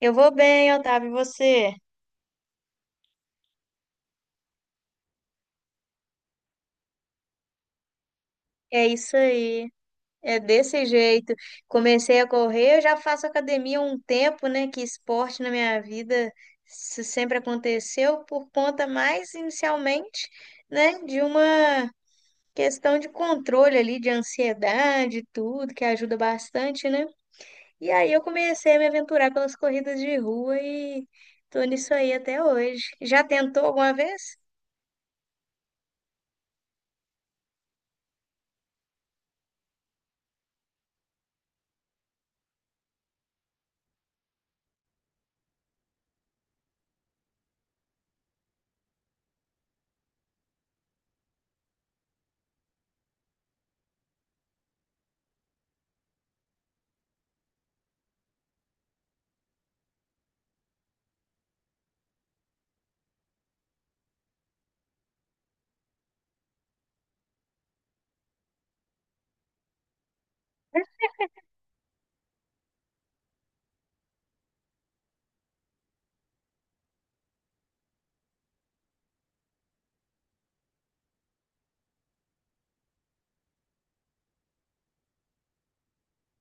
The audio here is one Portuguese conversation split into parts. Eu vou bem, Otávio, e você? É isso aí. É desse jeito. Comecei a correr, eu já faço academia há um tempo, né? Que esporte na minha vida isso sempre aconteceu por conta mais inicialmente, né, de uma questão de controle ali, de ansiedade, e tudo, que ajuda bastante, né? E aí eu comecei a me aventurar pelas corridas de rua e tô nisso aí até hoje. Já tentou alguma vez?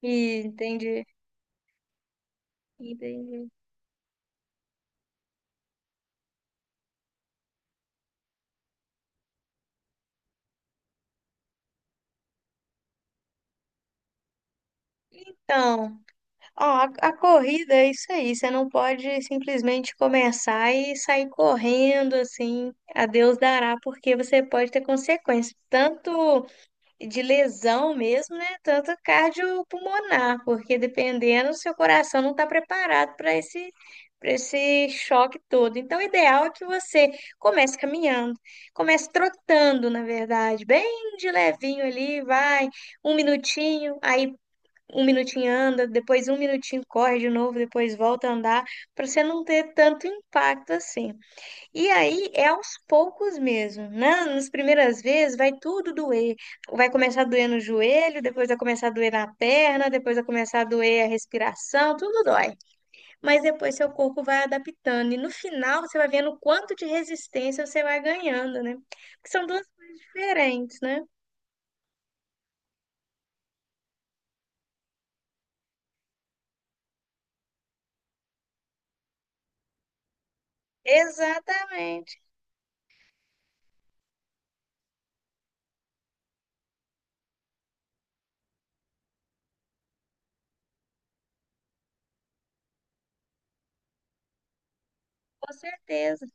E entendi. Entendi. Então, ó, a corrida é isso aí, você não pode simplesmente começar e sair correndo assim, a Deus dará, porque você pode ter consequências, tanto de lesão mesmo, né? Tanto cardiopulmonar, porque dependendo, seu coração não está preparado para esse choque todo. Então, o ideal é que você comece caminhando, comece trotando, na verdade, bem de levinho ali, vai um minutinho, aí um minutinho anda, depois um minutinho corre de novo, depois volta a andar, para você não ter tanto impacto assim. E aí é aos poucos mesmo, né? Nas primeiras vezes vai tudo doer. Vai começar a doer no joelho, depois vai começar a doer na perna, depois vai começar a doer a respiração, tudo dói. Mas depois seu corpo vai adaptando e no final você vai vendo o quanto de resistência você vai ganhando, né? Porque são duas coisas diferentes, né? Exatamente, com certeza.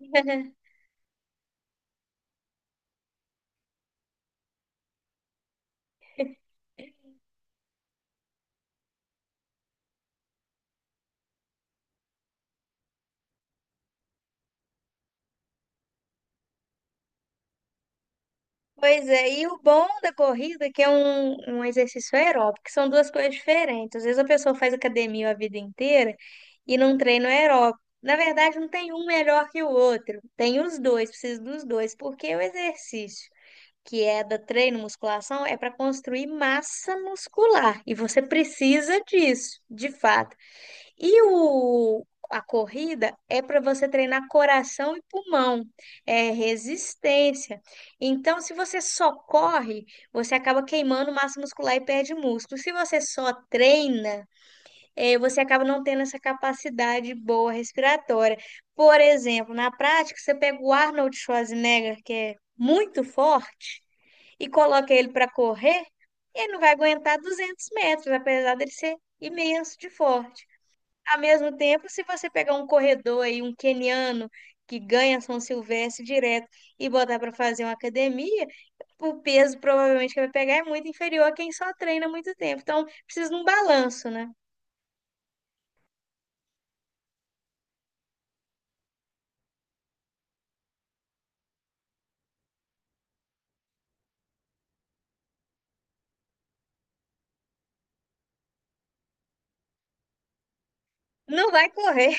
Pois é, e o bom da corrida é que é um exercício aeróbico, que são duas coisas diferentes. Às vezes a pessoa faz academia a vida inteira e não treina aeróbico. Na verdade, não tem um melhor que o outro. Tem os dois, precisa dos dois, porque o exercício, que é da treino musculação, é para construir massa muscular e você precisa disso, de fato. E o, a corrida é para você treinar coração e pulmão, é resistência. Então, se você só corre, você acaba queimando massa muscular e perde músculo. Se você só treina, você acaba não tendo essa capacidade boa respiratória. Por exemplo, na prática, você pega o Arnold Schwarzenegger, que é muito forte, e coloca ele para correr, ele não vai aguentar 200 metros, apesar dele ser imenso de forte. Ao mesmo tempo, se você pegar um corredor aí, um queniano que ganha São Silvestre direto e botar para fazer uma academia, o peso provavelmente que vai pegar é muito inferior a quem só treina há muito tempo. Então, precisa de um balanço, né? Não vai correr.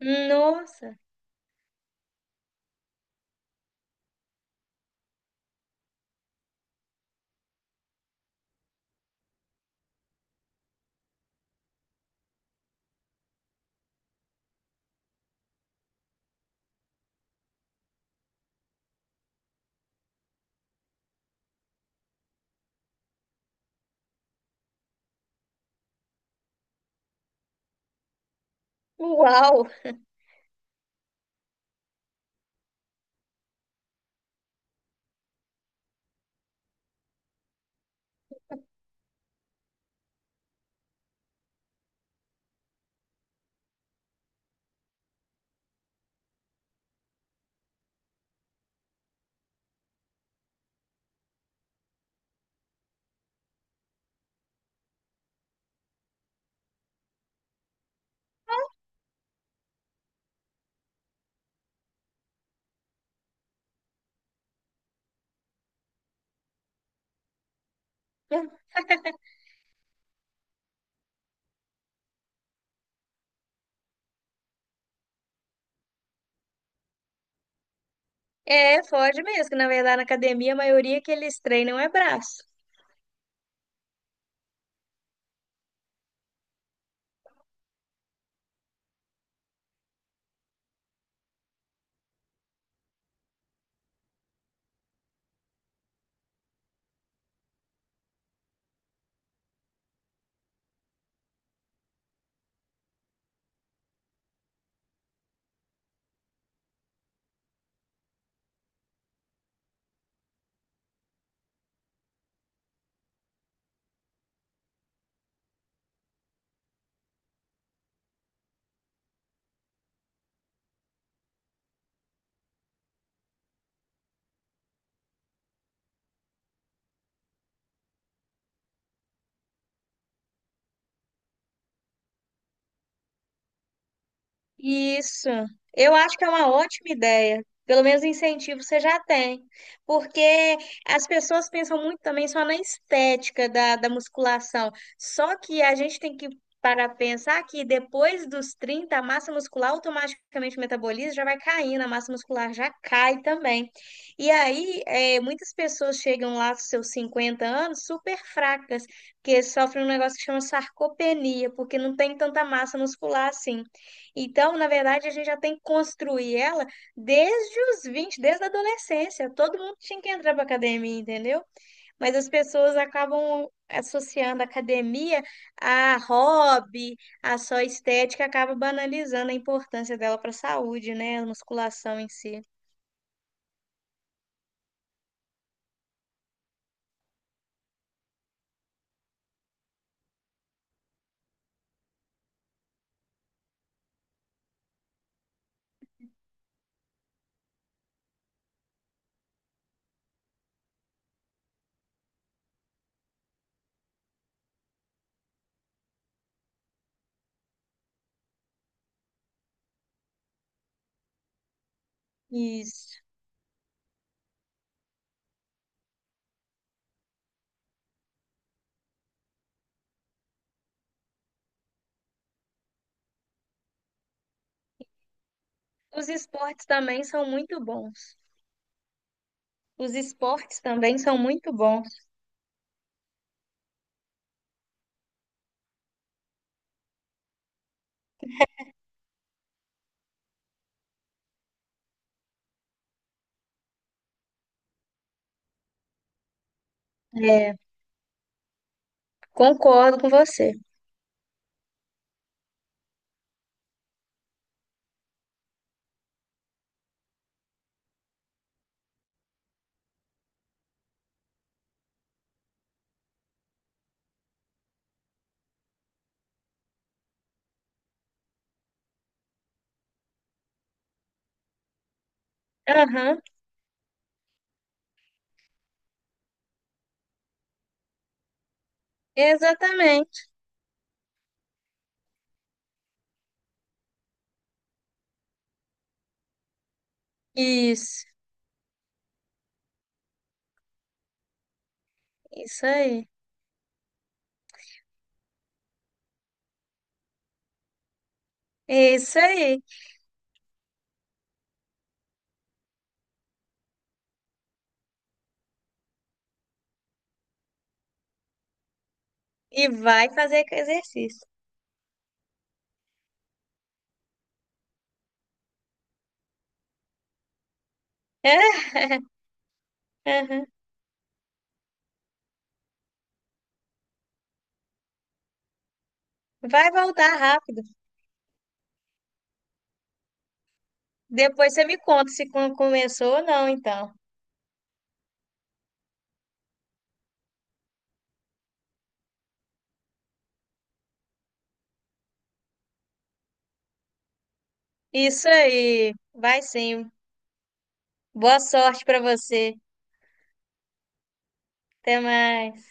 Nossa, uau! É, foge mesmo, que na verdade na academia a maioria que eles treinam é braço. Isso. Eu acho que é uma ótima ideia. Pelo menos incentivo você já tem. Porque as pessoas pensam muito também só na estética da musculação. Só que a gente tem que parar para pensar que depois dos 30 a massa muscular automaticamente metaboliza, já vai caindo, a massa muscular já cai também. E aí, muitas pessoas chegam lá aos seus 50 anos super fracas, porque sofrem um negócio que chama sarcopenia, porque não tem tanta massa muscular assim. Então, na verdade, a gente já tem que construir ela desde os 20 desde a adolescência. Todo mundo tinha que entrar para academia, entendeu? Mas as pessoas acabam associando a academia a hobby, a só estética, acaba banalizando a importância dela para a saúde, né? A musculação em si. Isso. Os esportes também são muito bons. Os esportes também são muito bons. É, concordo com você. Aham, exatamente. Isso, isso aí. Isso aí. E vai fazer com exercício. É? Aham. Vai voltar rápido. Depois você me conta se começou ou não, então. Isso aí. Vai sim. Boa sorte para você. Até mais.